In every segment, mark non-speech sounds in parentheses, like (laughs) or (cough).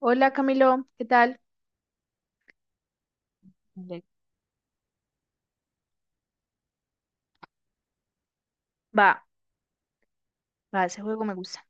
Hola Camilo, ¿qué tal? Vale. Va, va, ese juego me gusta.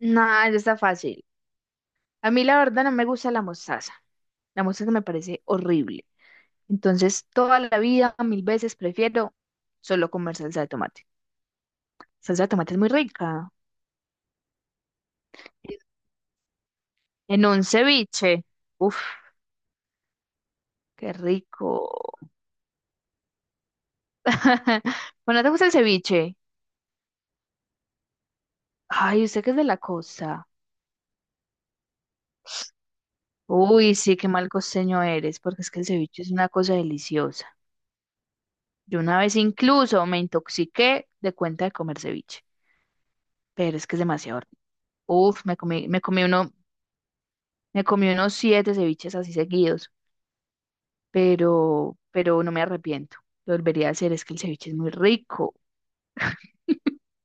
Nada, está fácil. A mí la verdad no me gusta la mostaza. La mostaza me parece horrible. Entonces, toda la vida, mil veces prefiero solo comer salsa de tomate. Salsa de tomate es muy rica. En un ceviche. Uf, qué rico. (laughs) Bueno, ¿no ¿te gusta el ceviche? Ay, usted que es de la costa. Uy, sí, qué mal costeño eres, porque es que el ceviche es una cosa deliciosa. Yo una vez incluso me intoxiqué de cuenta de comer ceviche, pero es que es demasiado rico. Uf, me comí uno, me comí unos siete ceviches así seguidos, pero no me arrepiento. Lo volvería a hacer, es que el ceviche es muy rico.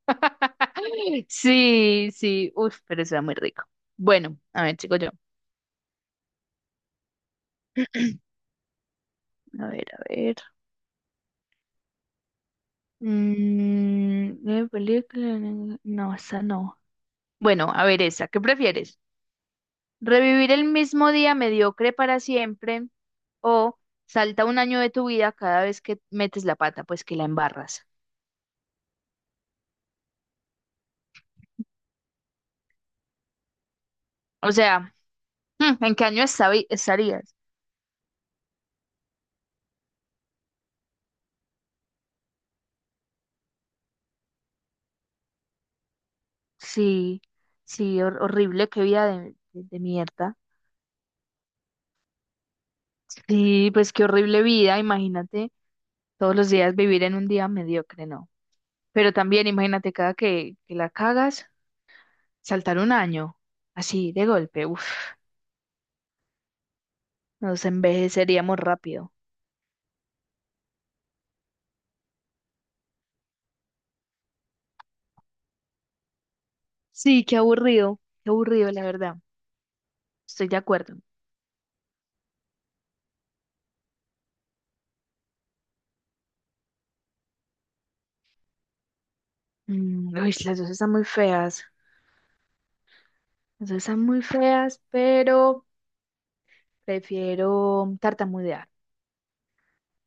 (laughs) Sí, sí, uf, pero está muy rico. Bueno, a ver, sigo yo. A ver, a ver. Mm, película. No, esa no. Bueno, a ver, esa, ¿qué prefieres? ¿Revivir el mismo día mediocre para siempre o salta un año de tu vida cada vez que metes la pata, pues que la embarras? O sea, ¿en qué año estarías? Sí, sí, horrible, qué vida de, de mierda. Sí, pues qué horrible vida, imagínate todos los días vivir en un día mediocre, ¿no? Pero también imagínate cada que la cagas, saltar un año, así de golpe, uff, nos envejeceríamos rápido. Sí, qué aburrido, la verdad. Estoy de acuerdo. Mm, uy, las dos están muy feas. Las dos están muy feas, pero prefiero tartamudear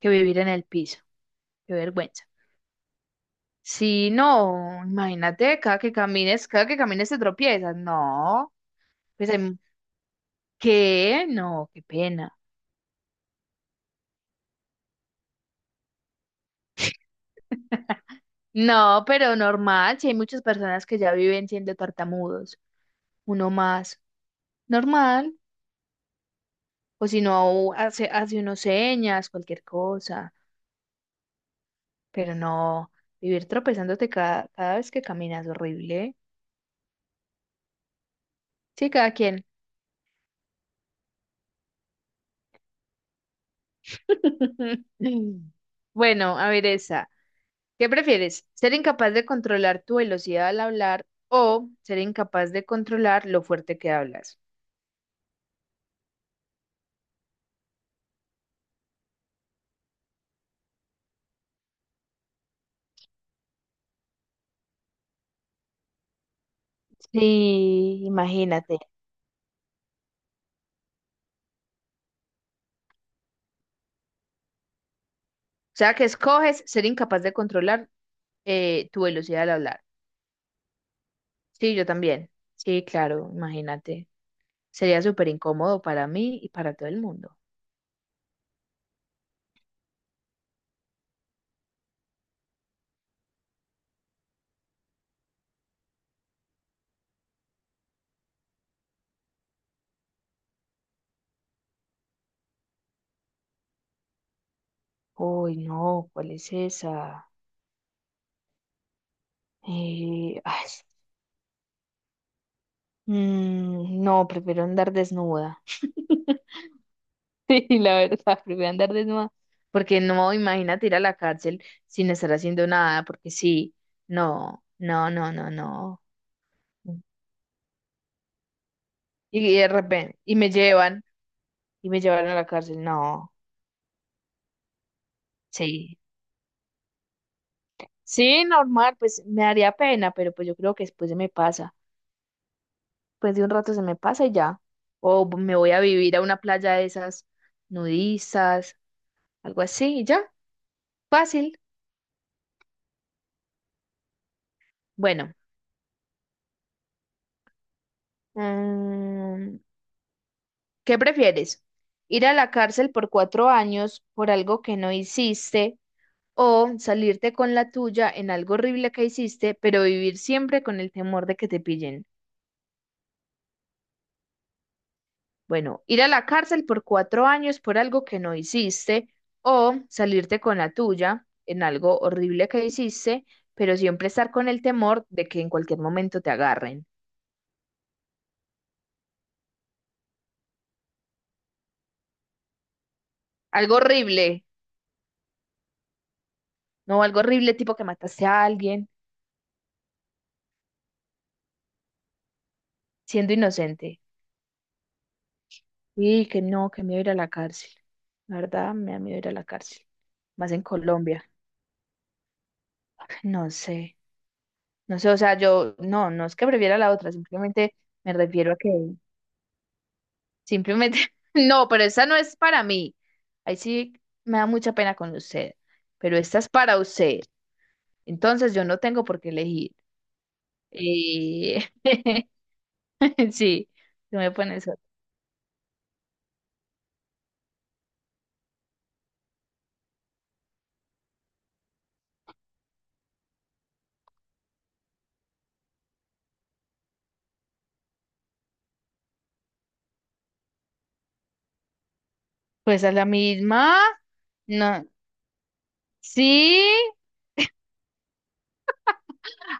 que vivir en el piso. Qué vergüenza. Sí, no, imagínate, cada que camines te tropiezas. No, pues hay- ¿qué? No, qué pena. No, pero normal, si hay muchas personas que ya viven siendo tartamudos, uno más, normal. O si no, hace unos señas, cualquier cosa. Pero no, vivir tropezándote cada vez que caminas, horrible, ¿eh? Sí, cada quien. (laughs) Bueno, a ver esa. ¿Qué prefieres? ¿Ser incapaz de controlar tu velocidad al hablar o ser incapaz de controlar lo fuerte que hablas? Sí, imagínate. O sea, que escoges ser incapaz de controlar tu velocidad al hablar. Sí, yo también. Sí, claro, imagínate. Sería súper incómodo para mí y para todo el mundo. Uy, no, ¿cuál es esa? Ay, mm, no, prefiero andar desnuda. (laughs) Sí, la verdad, prefiero andar desnuda. Porque no, imagínate ir a la cárcel sin estar haciendo nada, porque sí, no, no, no, no, no. Y de repente, y me llevan a la cárcel, no, sí. Sí, normal, pues me daría pena, pero pues yo creo que después se me pasa. Después de un rato se me pasa y ya. O me voy a vivir a una playa de esas nudistas, algo así, y ya, fácil. Bueno. Mm, ¿qué prefieres? ¿Ir a la cárcel por 4 años por algo que no hiciste o salirte con la tuya en algo horrible que hiciste, pero vivir siempre con el temor de que te pillen? Bueno, ir a la cárcel por cuatro años por algo que no hiciste o salirte con la tuya en algo horrible que hiciste, pero siempre estar con el temor de que en cualquier momento te agarren. Algo horrible, no algo horrible tipo que mataste a alguien siendo inocente. Y que no, que me voy a ir a la cárcel. La verdad, me da miedo ir a la cárcel. Más en Colombia. (laughs) No sé. No sé, o sea, yo, no, no es que prefiera la otra, simplemente me refiero a que, simplemente, (laughs) no, pero esta no es para mí. Ahí sí me da mucha pena con usted, pero esta es para usted. Entonces yo no tengo por qué elegir. Eh, (laughs) sí, tú me pones otra. Pues a la misma. No. Sí.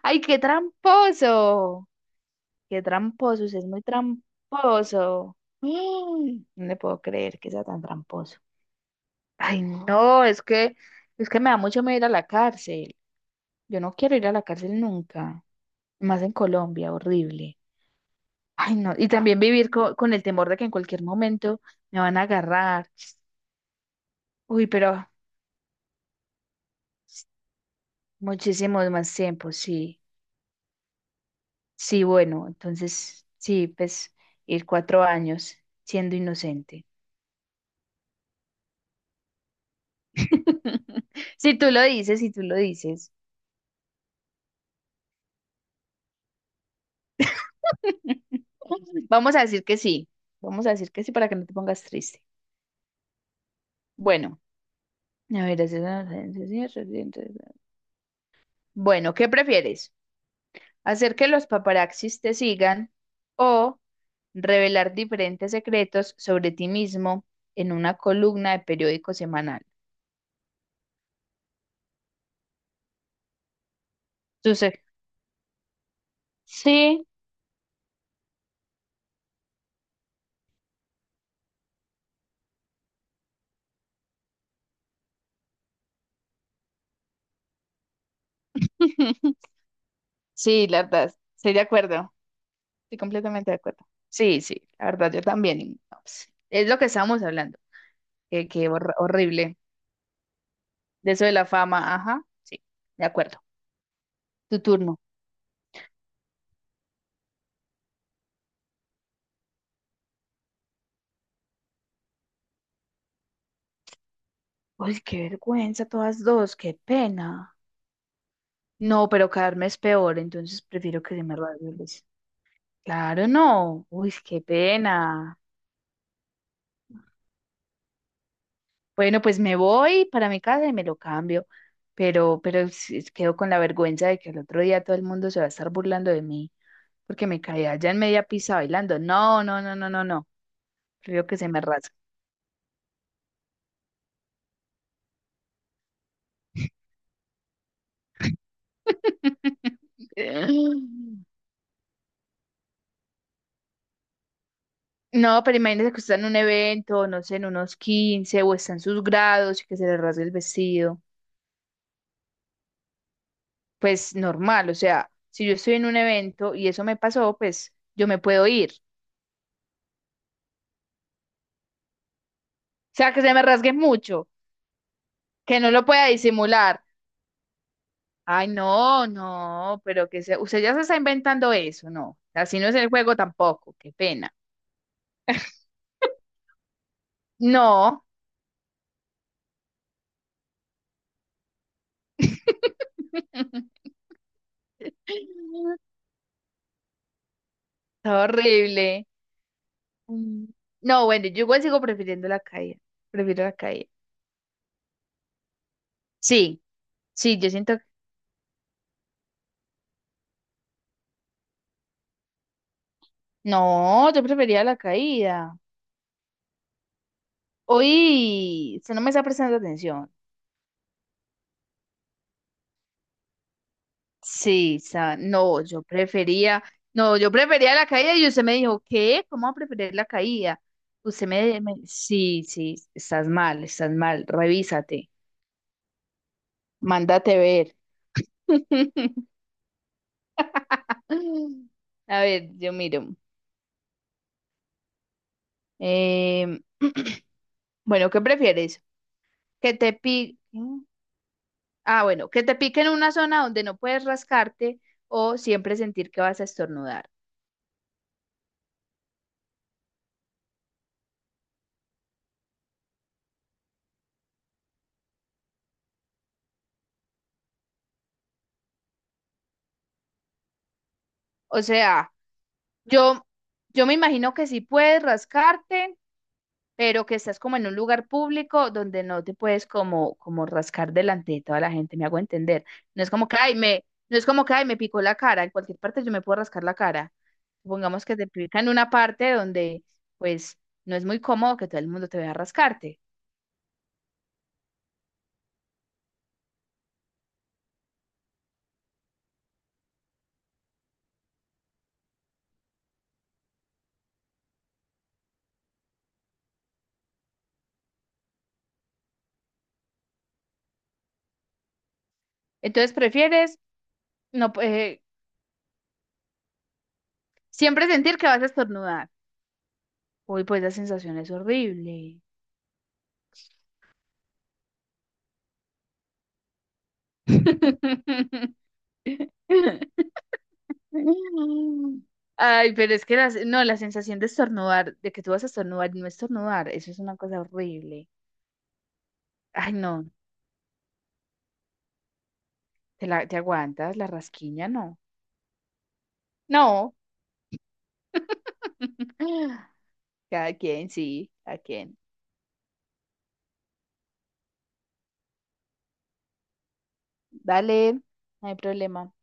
Ay, qué tramposo. Qué tramposo, usted es muy tramposo. Mm. No le puedo creer que sea tan tramposo. Ay, no, es que me da mucho miedo ir a la cárcel. Yo no quiero ir a la cárcel nunca. Más en Colombia, horrible. Ay, no. Y también vivir con el temor de que en cualquier momento me van a agarrar. Uy, pero muchísimo más tiempo, sí. Sí, bueno, entonces, sí, pues ir 4 años siendo inocente. (laughs) Si tú lo dices, si tú lo dices. (laughs) Vamos a decir que sí. Vamos a decir que sí para que no te pongas triste. Bueno, a ver, bueno, ¿qué prefieres? ¿Hacer que los paparazzis te sigan o revelar diferentes secretos sobre ti mismo en una columna de periódico semanal? Tú se- Sí, (laughs) sí, la verdad, estoy de acuerdo. Estoy completamente de acuerdo. Sí, sí, la verdad, yo también. Y no, pues, es lo que estábamos hablando, que horrible. De eso de la fama, ajá, sí, de acuerdo. Tu turno. Uy, qué vergüenza, todas dos, qué pena. No, pero caerme es peor, entonces prefiero que se me lo arregles. Claro, no. Uy, qué pena. Bueno, pues me voy para mi casa y me lo cambio. Pero sí, quedo con la vergüenza de que el otro día todo el mundo se va a estar burlando de mí porque me caí allá en media pista bailando. No, no, no, no, no, no. Prefiero que se me rasgue. (laughs) No, pero imagínese que usted está en un evento, no sé, en unos 15 o está en sus grados y que se le rasgue el vestido. Pues normal, o sea, si yo estoy en un evento y eso me pasó, pues yo me puedo ir. O sea, que se me rasgue mucho, que no lo pueda disimular. Ay, no, no, pero que se... usted ya se está inventando eso, no. Así no es el juego tampoco, qué pena. (laughs) No. (laughs) Está horrible. Mm. No, bueno, yo igual sigo prefiriendo la caída. Prefiero la caída. Sí, sí, yo siento. No, yo prefería la caída. Hoy, usted no me está prestando atención. Sí, no, yo prefería... No, yo prefería la caída y usted me dijo, ¿qué? ¿Cómo va a preferir la caída? Sí, sí, estás mal, estás mal. Revísate. Mándate ver. (laughs) A ver, yo miro. Em, (clears throat) bueno, ¿qué prefieres? que te piquen, ah, bueno, que te pique en una zona donde no puedes rascarte o siempre sentir que vas a estornudar. O sea, yo, yo me imagino que sí puedes rascarte, pero que estás como en un lugar público donde no te puedes como rascar delante de toda la gente, me hago entender. No es como que, ay, me, no es como que, ay, me picó la cara, en cualquier parte yo me puedo rascar la cara. Supongamos que te pica en una parte donde, pues, no es muy cómodo que todo el mundo te vea rascarte. Entonces, prefieres no, siempre sentir que vas a estornudar. Uy, pues la sensación es horrible. (laughs) Ay, pero es que no, la sensación de estornudar, de que tú vas a estornudar y no estornudar, eso es una cosa horrible. Ay, no, te la, te aguantas, la rasquiña, no. No. (laughs) Cada quien, sí, cada quien. Dale, no hay problema.